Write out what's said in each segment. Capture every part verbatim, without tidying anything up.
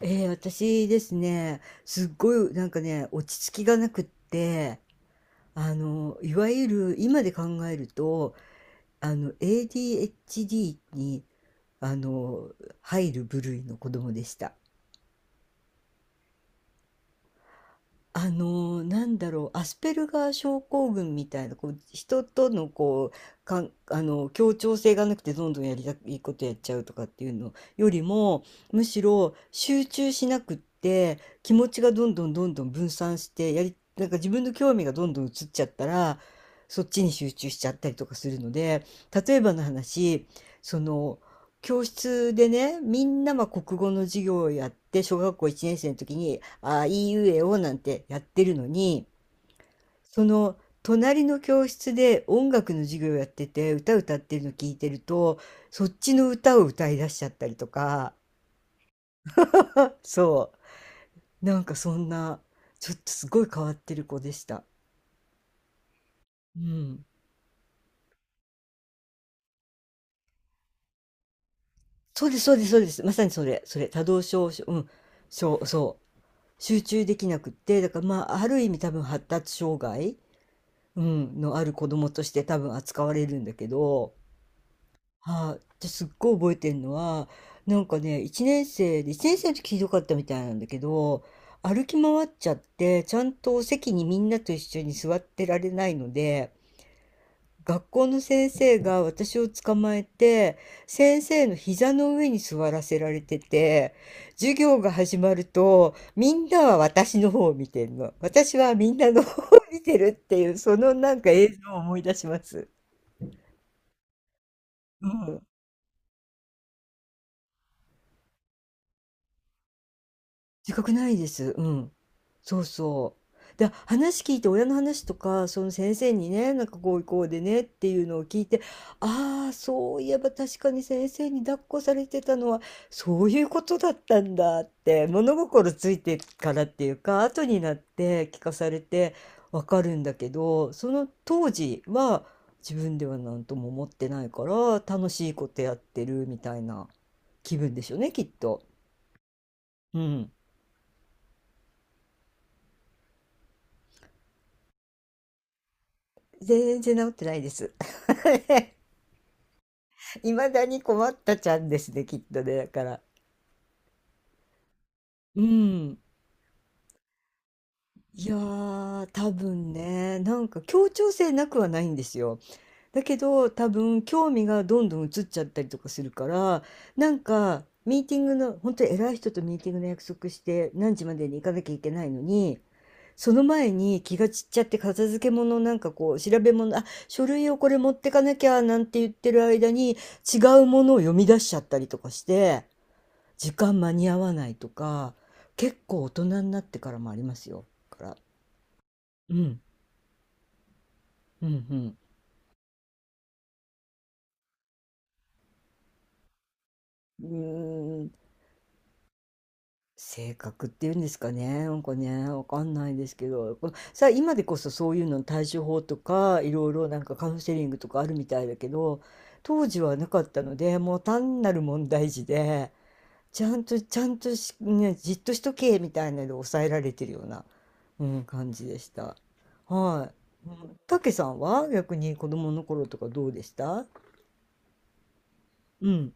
ええ、私ですね、すっごいなんかね、落ち着きがなくって、あの、いわゆる今で考えると、あの、エーディーエイチディー に、あの、入る部類の子供でした。あのーなんだろう、アスペルガー症候群みたいな、こう人とのこうかん、あの協調性がなくて、どんどんやりたいいことやっちゃうとかっていうのよりも、むしろ集中しなくって、気持ちがどんどんどんどん分散してやり、なんか自分の興味がどんどん移っちゃったら、そっちに集中しちゃったりとかするので。例えばの話、その教室でね、みんなまあ国語の授業をやって、小学校いちねん生の時に、ああ、いいうえおなんてやってるのに、その隣の教室で音楽の授業をやってて、歌歌ってるの聞いてると、そっちの歌を歌い出しちゃったりとか、そう、なんかそんな、ちょっとすごい変わってる子でした。うん。そうです、そうです、そうです。まさにそれ、それ、多動症、うん、そう、そう。集中できなくって、だからまあ、ある意味多分発達障害。うん、のある子供として多分扱われるんだけど、はい、ですっごい覚えてるのは、なんかね、いちねん生で、いちねん生の時ひどかったみたいなんだけど、歩き回っちゃって、ちゃんと席にみんなと一緒に座ってられないので、学校の先生が私を捕まえて、先生の膝の上に座らせられてて、授業が始まると、みんなは私の方を見てるの。私はみんなの方を見てるっていう、そのなんか映像を思い出します。うん。自覚ないです。うん。そうそう。で、話聞いて親の話とか、その先生にね、なんかこうこうでねっていうのを聞いて、ああ、そういえば確かに先生に抱っこされてたのはそういうことだったんだって、物心ついてからっていうか、後になって聞かされてわかるんだけど、その当時は自分では何とも思ってないから、楽しいことやってるみたいな気分でしょうね、きっと。うん。全然治ってないです。未だに困ったちゃんですね、きっとね、だから。うん。いやー、多分ね、なんか協調性なくはないんですよ。だけど、多分興味がどんどん移っちゃったりとかするから、なんかミーティングの、本当に偉い人とミーティングの約束して何時までに行かなきゃいけないのに、その前に気が散っちゃって、片付け物、なんかこう調べ物、あ、書類をこれ持ってかなきゃなんて言ってる間に、違うものを読み出しちゃったりとかして、時間間に合わないとか、結構大人になってからもありますよ。だから。うん、うん、うん。うー性格っていうんですかね、なんかね、わかんないですけど、こさあ、今でこそそういうのの対処法とか、いろいろなんかカウンセリングとかあるみたいだけど、当時はなかったので、もう単なる問題児で、ちゃんと、ちゃんとし、ね、じっとしとけ、みたいなので抑えられてるような、うん、感じでした。はい。うん、たけさんは逆に子供の頃とかどうでした？うん、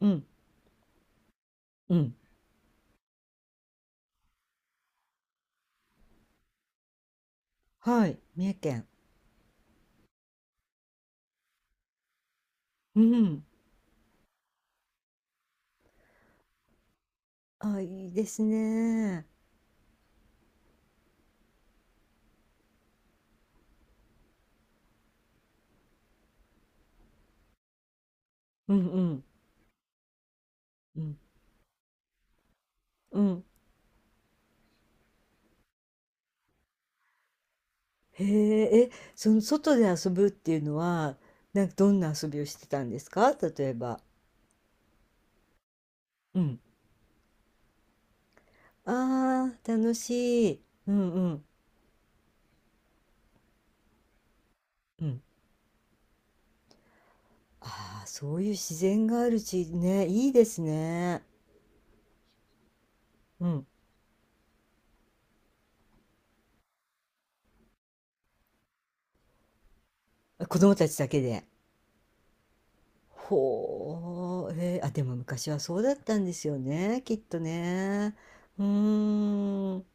うん、うん。はい、三重県。うん。あ、いいですね。うんうん。うん。うん。へえ、え、その外で遊ぶっていうのは、なんかどんな遊びをしてたんですか、例えば。うん。ああ、楽しい。うんうんうん。ああ、そういう自然がある地域ね、いいですね。うん。子供たちだけで。ほう、えー、あ、でも昔はそうだったんですよね、きっとね。うーん。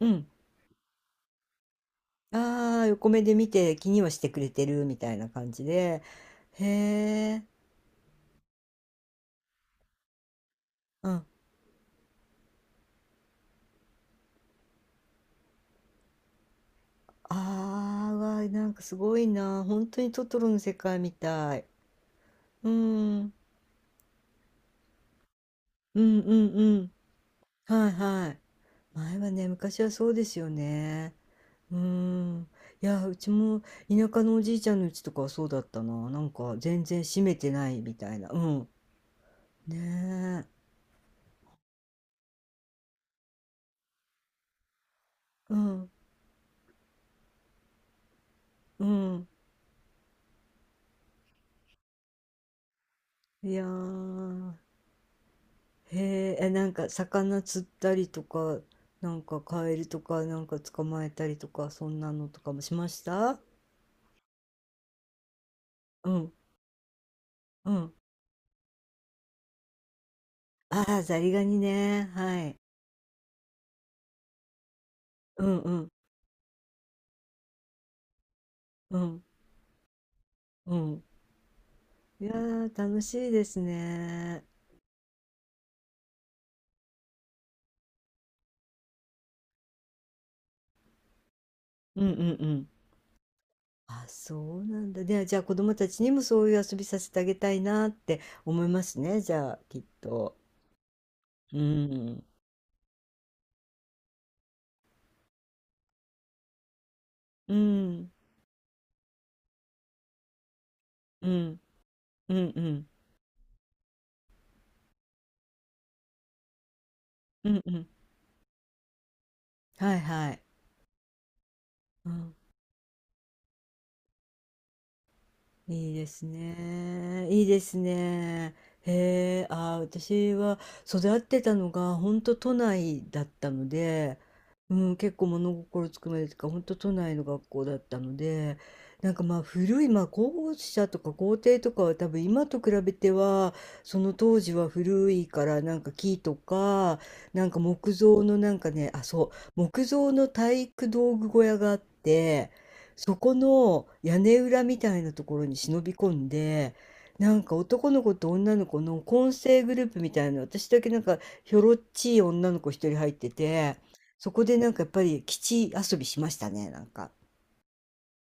うん。ああ、横目で見て気にはしてくれてるみたいな感じで、へえ、うん。ああ、うわ、なんかすごいな。本当にトトロの世界みたい。うん、うんうんうん。はいはい。前はね、昔はそうですよね。うん。いや、うちも田舎のおじいちゃんの家とかはそうだったな。なんか全然閉めてないみたいな。うん。ねえ。うん、うん。いやー、へえ、え、なんか魚釣ったりとか、なんかカエルとか、なんか捕まえたりとか、そんなのとかもしました？うん、うん。ああ、ザリガニね。はい。うんうん、うん、うん。いやー、楽しいですね。うんうんうん。あ、そうなんだ。で、じゃあ子供たちにもそういう遊びさせてあげたいなって思いますね。じゃあ、きっと。うん。うん。うん。うんうん。うんうん。はいはい。うん。いいですね。いいですね。へえ、あー、私は育ってたのが本当都内だったので、うん、結構物心つくまでというか、本当都内の学校だったので、なんかまあ古い、まあ校舎とか校庭とかは多分今と比べては、その当時は古いからなんか木とか、なんか木造のなんかね、あ、そう、木造の体育道具小屋があって、そこの屋根裏みたいなところに忍び込んで、なんか男の子と女の子の混成グループみたいな、私だけなんかひょろっちい女の子一人入ってて、そこでなんかやっぱり基地遊びしましたね、なんか。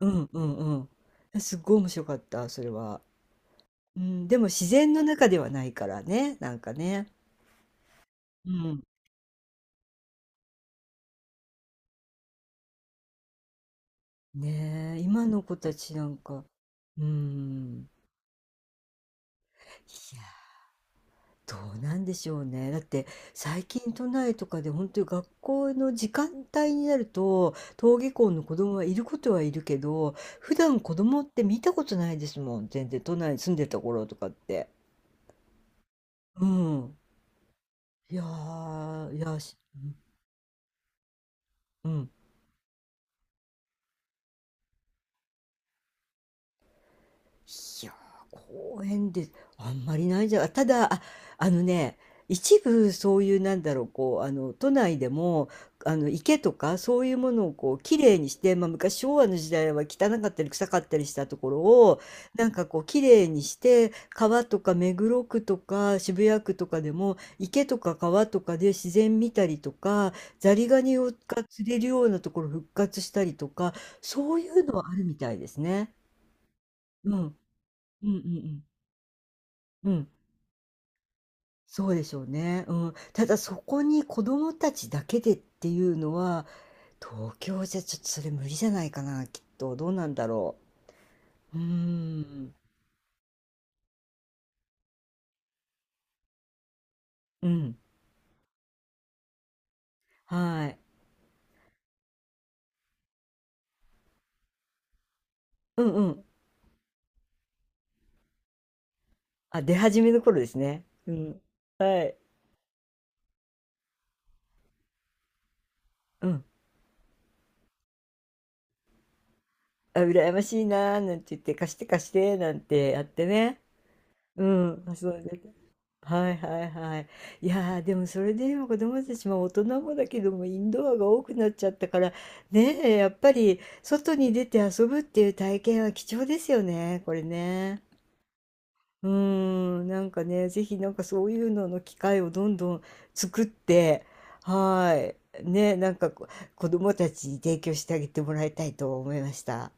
うんうんうん。すっごい面白かった、それは。うん、でも自然の中ではないからね、なんかね。うん。ねえ、今の子たちなんか、うん。どうなんでしょうね。だって、最近都内とかで本当に学校の時間帯になると、登下校の子供はいることはいるけど、普段子供って見たことないですもん、全然、都内に住んでた頃とかって。うん。いやー、いやーし、うん。うん、いやー、公園で、あんまりないんじゃ、ただ、あ、あのね、一部そういうなんだろう、こう、あの、都内でも、あの、池とかそういうものをこう、きれいにして、まあ、昔昭和の時代は汚かったり臭かったりしたところを、なんかこう、きれいにして、川とか目黒区とか渋谷区とかでも、池とか川とかで自然見たりとか、ザリガニをが釣れるようなところ復活したりとか、そういうのはあるみたいですね。うん。うんうんうん。うん、そうでしょうね。うん。ただ、そこに子供たちだけでっていうのは、東京じゃちょっとそれ無理じゃないかな、きっと。どうなんだろう。うーん。うん。はい。うんうん。あ、出始めの頃ですね。うん。はい。うん。あ、羨ましいな、なんて言って、貸して貸して、なんてやってね。うん。遊んでた。はいはいはい。いやー、でもそれで今子供たちも大人もだけども、インドアが多くなっちゃったからねえ、やっぱり外に出て遊ぶっていう体験は貴重ですよね、これね。うーん、なんかね、ぜひなんかそういうのの機会をどんどん作って、はい、ね、なんかこ子供たちに提供してあげてもらいたいと思いました。